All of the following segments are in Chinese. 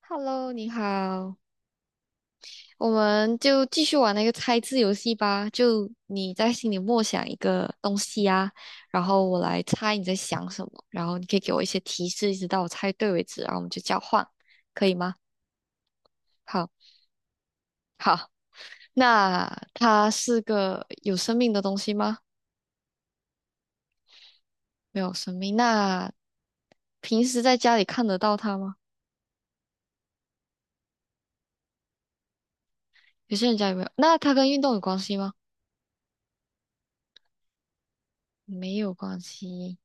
Hello，你好，我们就继续玩那个猜字游戏吧。就你在心里默想一个东西啊，然后我来猜你在想什么，然后你可以给我一些提示，一直到我猜对为止，然后我们就交换，可以吗？好，好。那它是个有生命的东西吗？没有生命。那平时在家里看得到它吗？有些人家里没有。那它跟运动有关系吗？没有关系。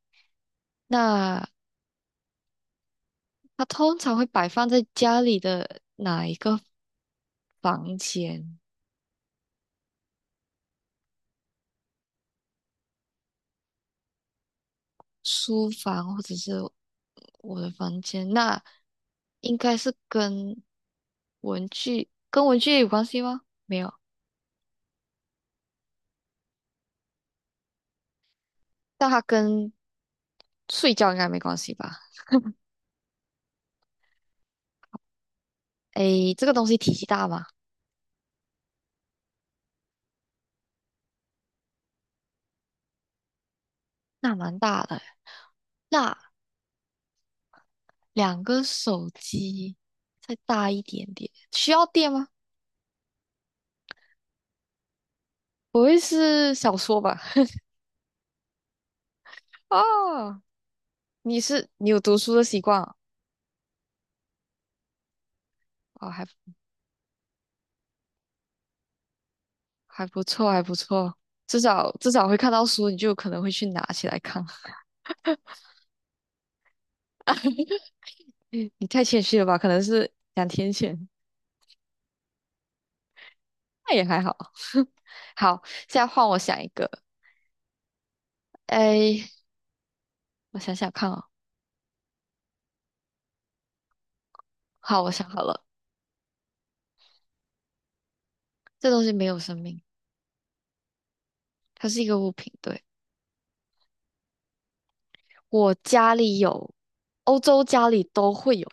那它通常会摆放在家里的哪一个房间？书房或者是我的房间？那应该是跟文具有关系吗？没有，但它跟睡觉应该没关系吧？诶，这个东西体积大吗？那蛮大的。那两个手机再大一点点，需要电吗？不会是小说吧？啊。你是你有读书的习惯啊？啊还还不错，还不错，至少至少会看到书，你就有可能会去拿起来看。你你太谦虚了吧？可能是两天前，那也还好。好，现在换我想一个。哎，我想想看哦。好，我想好了，这东西没有生命，它是一个物品。对，我家里有，欧洲家里都会有，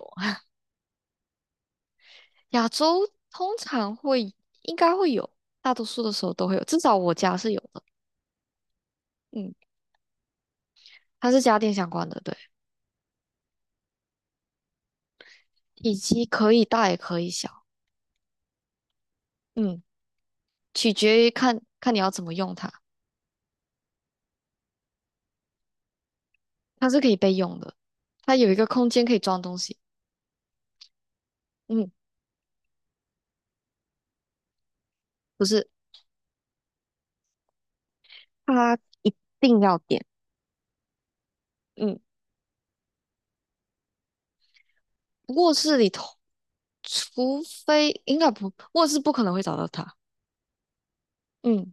亚洲通常会应该会有，大多数的时候都会有，至少我家是有的。嗯。它是家电相关的，对，体积可以大也可以小，嗯，取决于看看你要怎么用它。它是可以备用的，它有一个空间可以装东西。嗯，不是，它一定要点。嗯，卧室里头，除非应该不，卧室不可能会找到它。嗯，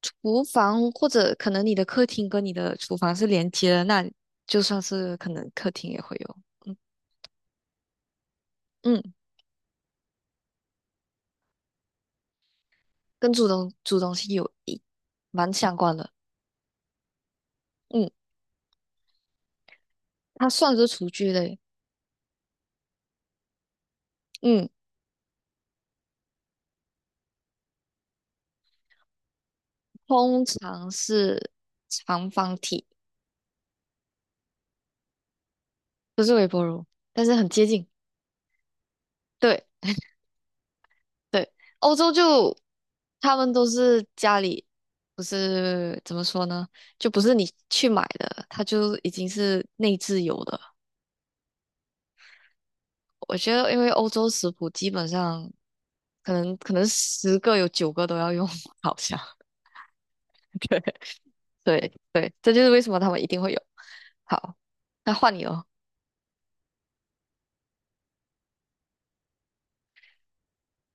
厨房或者可能你的客厅跟你的厨房是连接的，那就算是可能客厅也会有。嗯嗯，跟主东主东西有蛮相关的。嗯。它算是厨具类，嗯，通常是长方体，不是微波炉，但是很接近。对对，欧洲就他们都是家里，不是怎么说呢，就不是你去买的，它就已经是内置有的。我觉得，因为欧洲食谱基本上可能十个有九个都要用 好像对对对，这就是为什么他们一定会有。好，那换你了。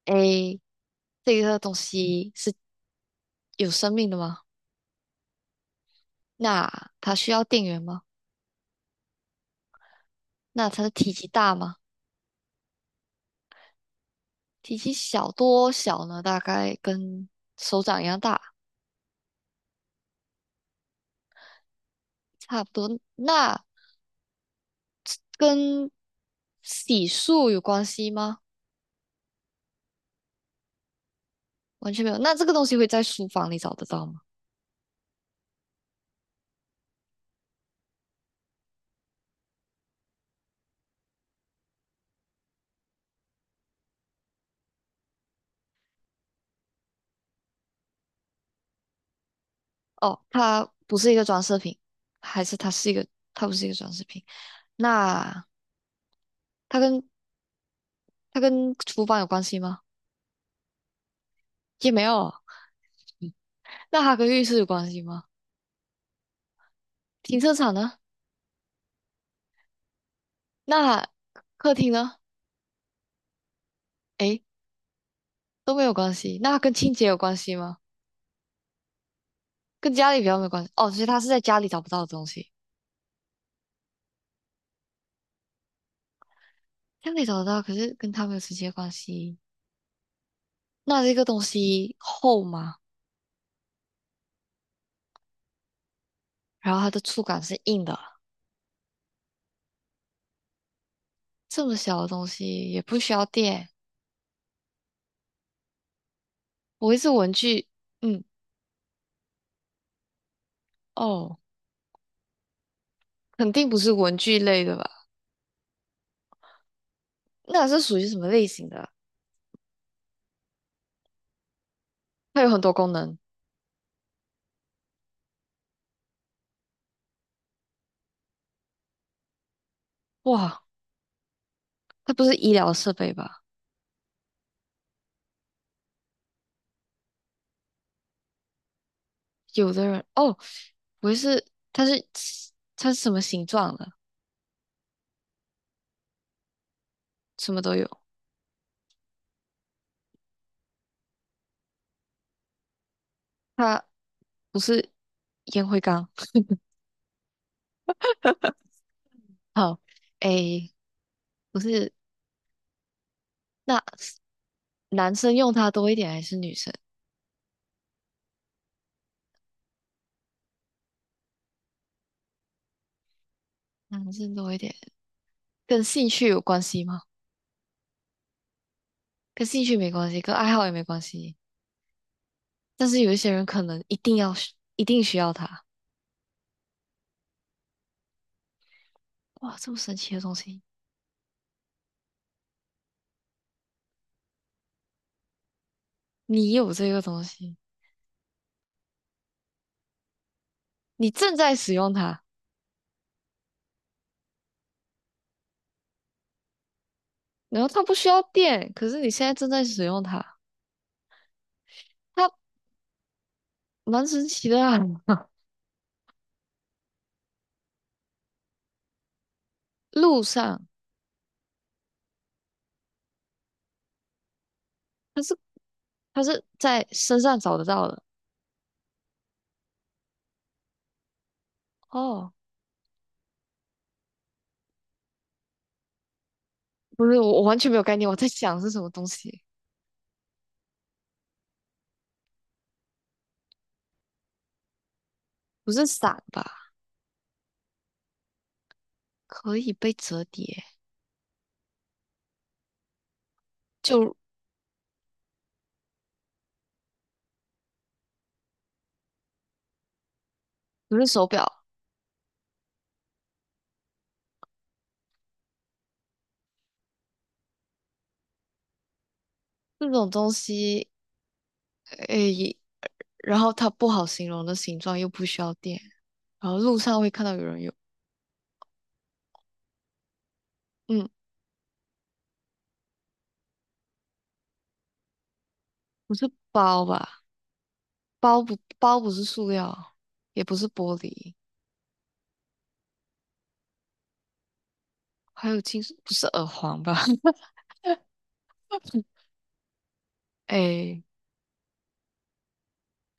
a 这个东西是有生命的吗？那它需要电源吗？那它的体积大吗？体积小多小呢？大概跟手掌一样大，差不多。那跟洗漱有关系吗？完全没有。那这个东西会在书房里找得到吗？哦，它不是一个装饰品，还是它是一个，它不是一个装饰品。那它跟它跟厨房有关系吗？也没有。那它跟浴室有关系吗？停车场呢？那客厅呢？诶，都没有关系。那跟清洁有关系吗？跟家里比较没有关系。哦，所以他是在家里找不到的东西，家里找得到，可是跟他没有直接关系。那这个东西厚吗？然后它的触感是硬的，这么小的东西也不需要电。不会是文具？嗯，哦，肯定不是文具类的吧？那是属于什么类型的？它有很多功能。哇，它不是医疗设备吧？有的人哦，不是它是它是什么形状的？什么都有。它不是烟灰缸。好，诶，不是，那男生用它多一点还是女生？男生多一点，跟兴趣有关系吗？跟兴趣没关系，跟爱好也没关系。但是有一些人可能一定需要它。哇，这么神奇的东西！你有这个东西，你正在使用它，然后它不需要电，可是你现在正在使用它，它蛮神奇的啊。路上，它是它是在身上找得到的哦。不是，我完全没有概念，我在想是什么东西，不是伞吧？可以被折叠，就不是手表这种东西，诶，然后它不好形容的形状又不需要电，然后路上会看到有人有，嗯，不是包吧？包不包不是塑料，也不是玻璃，还有金属，不是耳环吧？诶，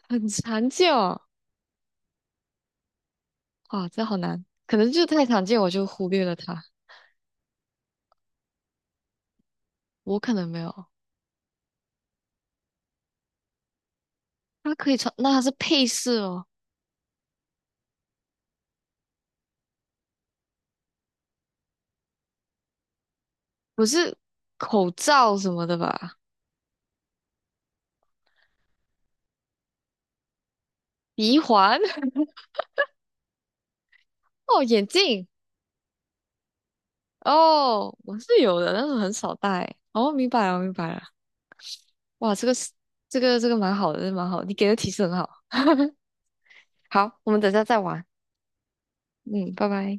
很常见哦。哇，这好难，可能就太常见，我就忽略了它。我可能没有，它可以穿，那它是配饰哦，不是口罩什么的吧？鼻环 哦，眼镜哦，我是有的，但是很少戴。哦，明白了，明白了。哇，这个是这个蛮好的，这个蛮好的你给的提示很好。好，我们等一下再玩。嗯，拜拜。